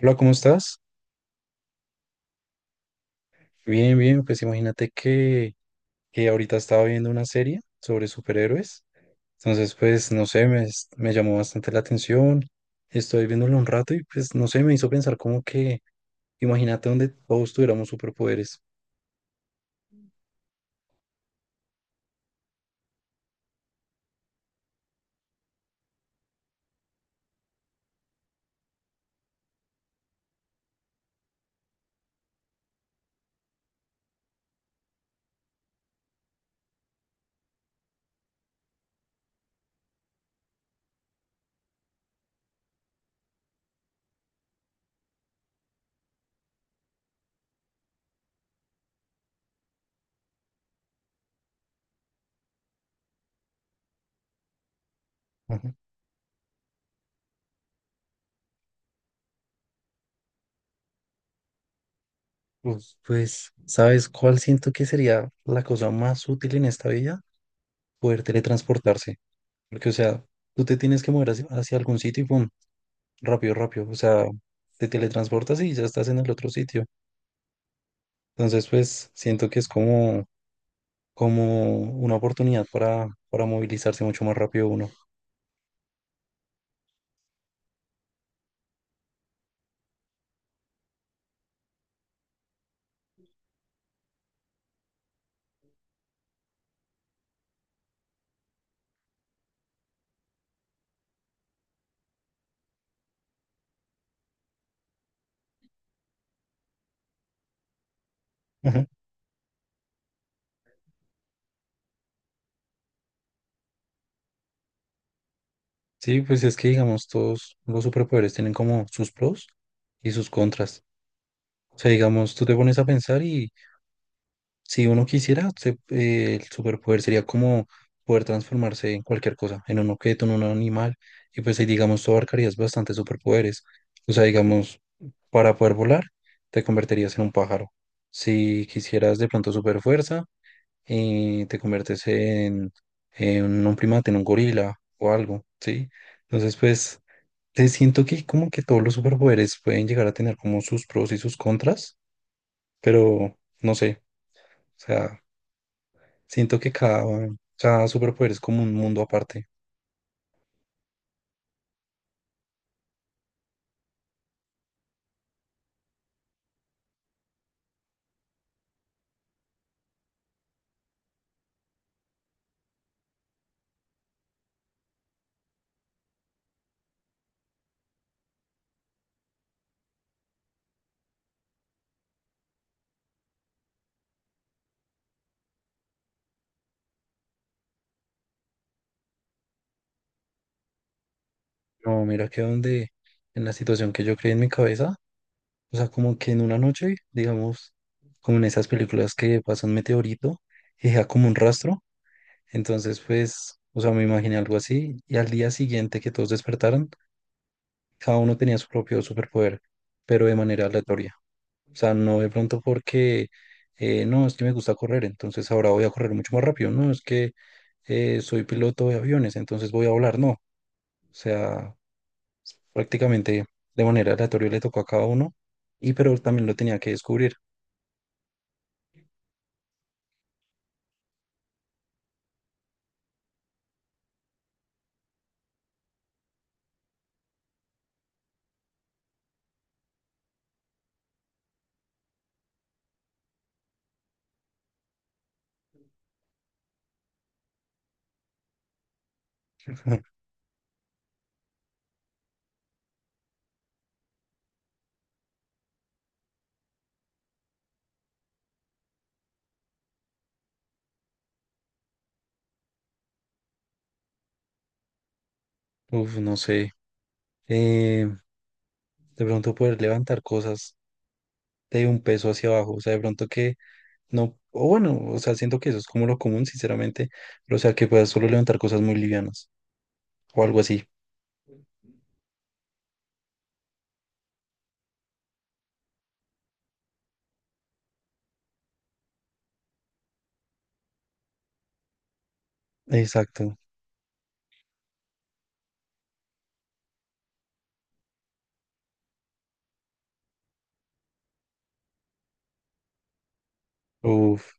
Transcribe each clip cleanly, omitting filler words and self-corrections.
Hola, ¿cómo estás? Bien, bien, pues imagínate que ahorita estaba viendo una serie sobre superhéroes. Entonces, pues, no sé, me llamó bastante la atención. Estoy viéndolo un rato y pues, no sé, me hizo pensar como que, imagínate donde todos tuviéramos superpoderes. Ujú. Pues, ¿sabes cuál siento que sería la cosa más útil en esta vida? Poder teletransportarse. Porque, o sea, tú te tienes que mover hacia algún sitio y pum, rápido, rápido. O sea, te teletransportas y ya estás en el otro sitio. Entonces, pues siento que es como, como una oportunidad para movilizarse mucho más rápido uno. Ujú. Sí, pues es que digamos, todos los superpoderes tienen como sus pros y sus contras. O sea, digamos, tú te pones a pensar y si uno quisiera, el superpoder sería como poder transformarse en cualquier cosa, en un objeto, en un animal, y pues ahí digamos, tú abarcarías bastantes superpoderes. O sea, digamos, para poder volar, te convertirías en un pájaro. Si quisieras de pronto super fuerza, y te conviertes en un primate, en un gorila o algo, ¿sí? Entonces, pues, te siento que como que todos los superpoderes pueden llegar a tener como sus pros y sus contras, pero no sé, o sea, siento que cada, cada superpoder es como un mundo aparte. No, mira que donde, en la situación que yo creé en mi cabeza, o sea, como que en una noche, digamos, como en esas películas que pasa un meteorito y deja como un rastro. Entonces, pues, o sea, me imaginé algo así y al día siguiente que todos despertaron, cada uno tenía su propio superpoder, pero de manera aleatoria. O sea, no de pronto porque, no, es que me gusta correr, entonces ahora voy a correr mucho más rápido, no, es que soy piloto de aviones, entonces voy a volar, no. O sea, prácticamente de manera aleatoria le tocó a cada uno y pero también lo tenía que descubrir. Uf, no sé. Eh, de pronto poder levantar cosas de un peso hacia abajo, o sea, de pronto que no, o bueno, o sea, siento que eso es como lo común, sinceramente, pero o sea, que puedas solo levantar cosas muy livianas o algo así. Exacto. Uf.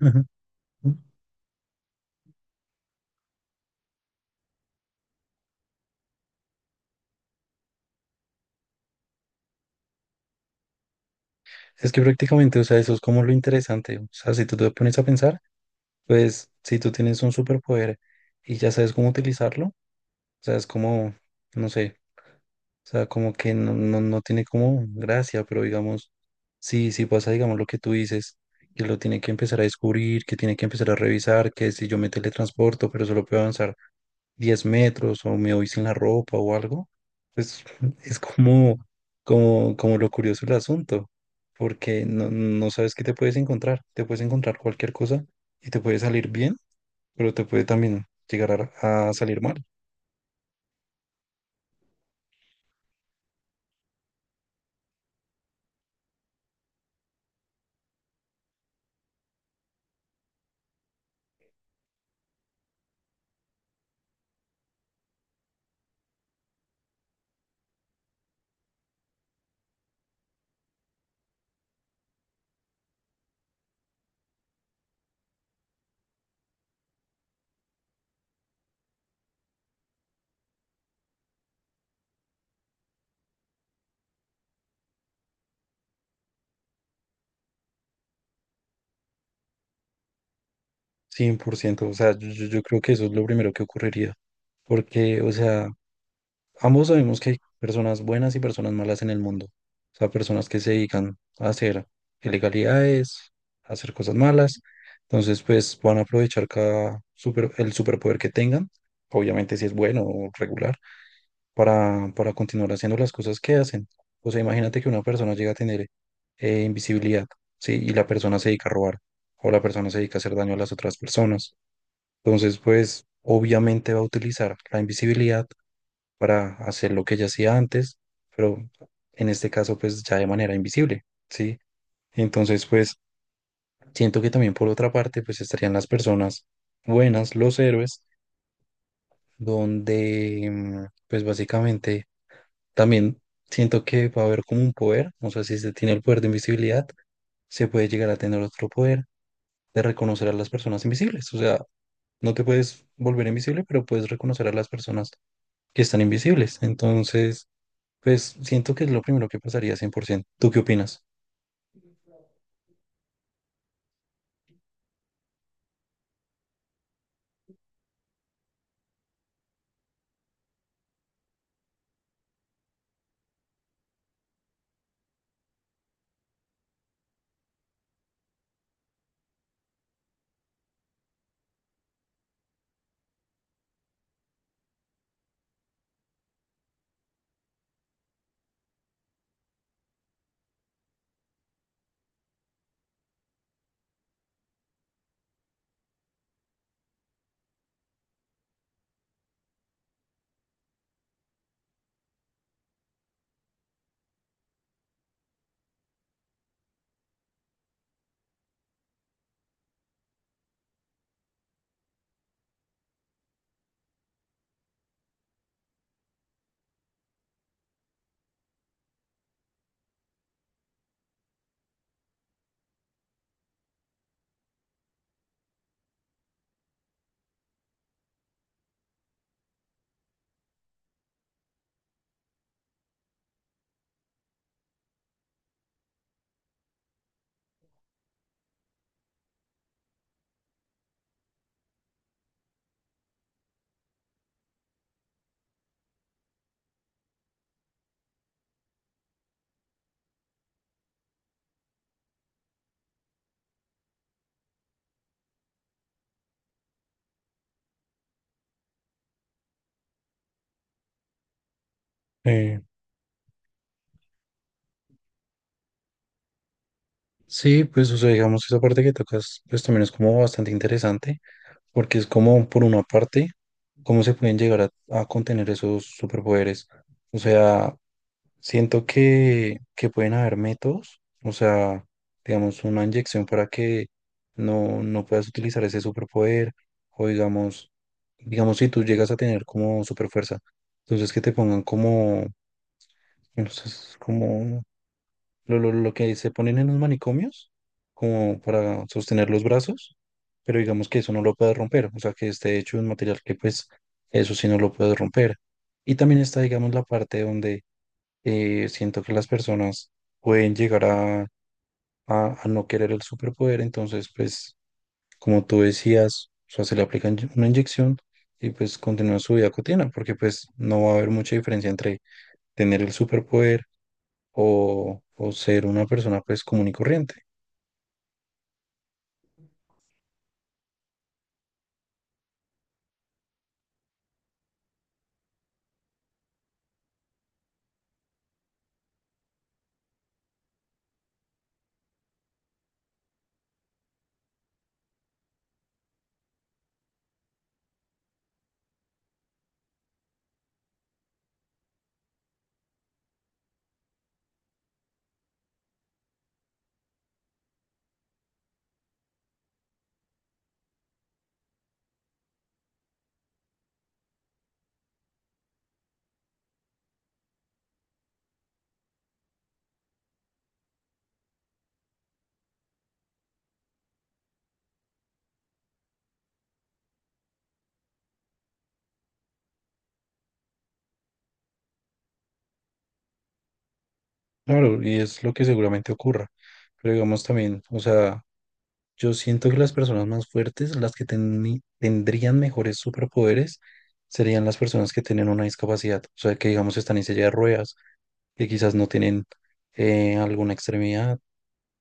Ujú. Es que prácticamente, o sea, eso es como lo interesante. O sea, si tú te pones a pensar, pues si tú tienes un superpoder y ya sabes cómo utilizarlo, o sea, es como, no sé, o sea, como que no tiene como gracia, pero digamos, sí, sí pasa, digamos, lo que tú dices, que lo tiene que empezar a descubrir, que tiene que empezar a revisar, que si yo me teletransporto, pero solo puedo avanzar 10 metros o me voy sin la ropa o algo, pues es como, como lo curioso del asunto, porque no, no sabes qué te puedes encontrar cualquier cosa y te puede salir bien, pero te puede también llegar a salir mal, 100%. O sea, yo creo que eso es lo primero que ocurriría, porque, o sea, ambos sabemos que hay personas buenas y personas malas en el mundo. O sea, personas que se dedican a hacer ilegalidades, a hacer cosas malas. Entonces, pues van a aprovechar cada super, el superpoder que tengan, obviamente si es bueno o regular, para continuar haciendo las cosas que hacen. O sea, imagínate que una persona llega a tener invisibilidad, ¿sí? Y la persona se dedica a robar o la persona se dedica a hacer daño a las otras personas. Entonces, pues obviamente va a utilizar la invisibilidad para hacer lo que ella hacía antes, pero en este caso pues ya de manera invisible, ¿sí? Entonces pues siento que también por otra parte pues estarían las personas buenas, los héroes, donde pues básicamente también siento que va a haber como un poder, no sé si se tiene el poder de invisibilidad, se puede llegar a tener otro poder de reconocer a las personas invisibles, o sea, no te puedes volver invisible, pero puedes reconocer a las personas que están invisibles, entonces... Pues siento que es lo primero que pasaría 100%. ¿Tú qué opinas? Eh, sí, pues o sea, digamos, esa parte que tocas, pues también es como bastante interesante, porque es como, por una parte, cómo se pueden llegar a contener esos superpoderes. O sea, siento que pueden haber métodos, o sea, digamos, una inyección para que no puedas utilizar ese superpoder, o digamos, digamos, si tú llegas a tener como superfuerza, entonces que te pongan como entonces es como lo que se ponen en los manicomios, como para sostener los brazos, pero digamos que eso no lo puede romper, o sea, que esté hecho de un material que pues eso sí no lo puede romper. Y también está, digamos, la parte donde siento que las personas pueden llegar a no querer el superpoder, entonces pues como tú decías, o sea, se le aplica una inyección y pues continúa su vida cotidiana, porque pues no va a haber mucha diferencia entre tener el superpoder o ser una persona pues común y corriente. Claro, y es lo que seguramente ocurra. Pero digamos también, o sea, yo siento que las personas más fuertes, las que tendrían mejores superpoderes, serían las personas que tienen una discapacidad. O sea, que digamos están en silla de ruedas, que quizás no tienen alguna extremidad.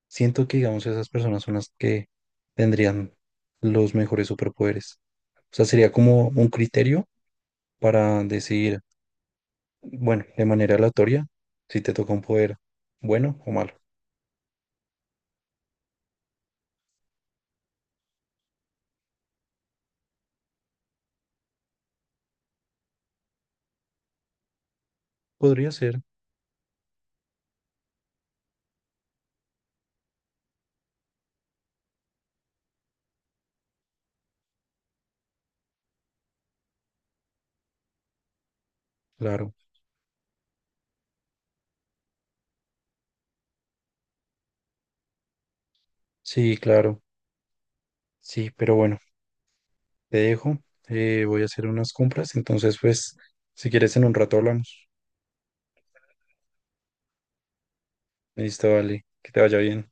Siento que digamos esas personas son las que tendrían los mejores superpoderes. O sea, sería como un criterio para decidir. Bueno, de manera aleatoria, si te toca un poder bueno o malo. Podría ser, claro. Sí, claro. Sí, pero bueno, te dejo. Voy a hacer unas compras. Entonces, pues, si quieres en un rato hablamos. Listo, vale. Que te vaya bien.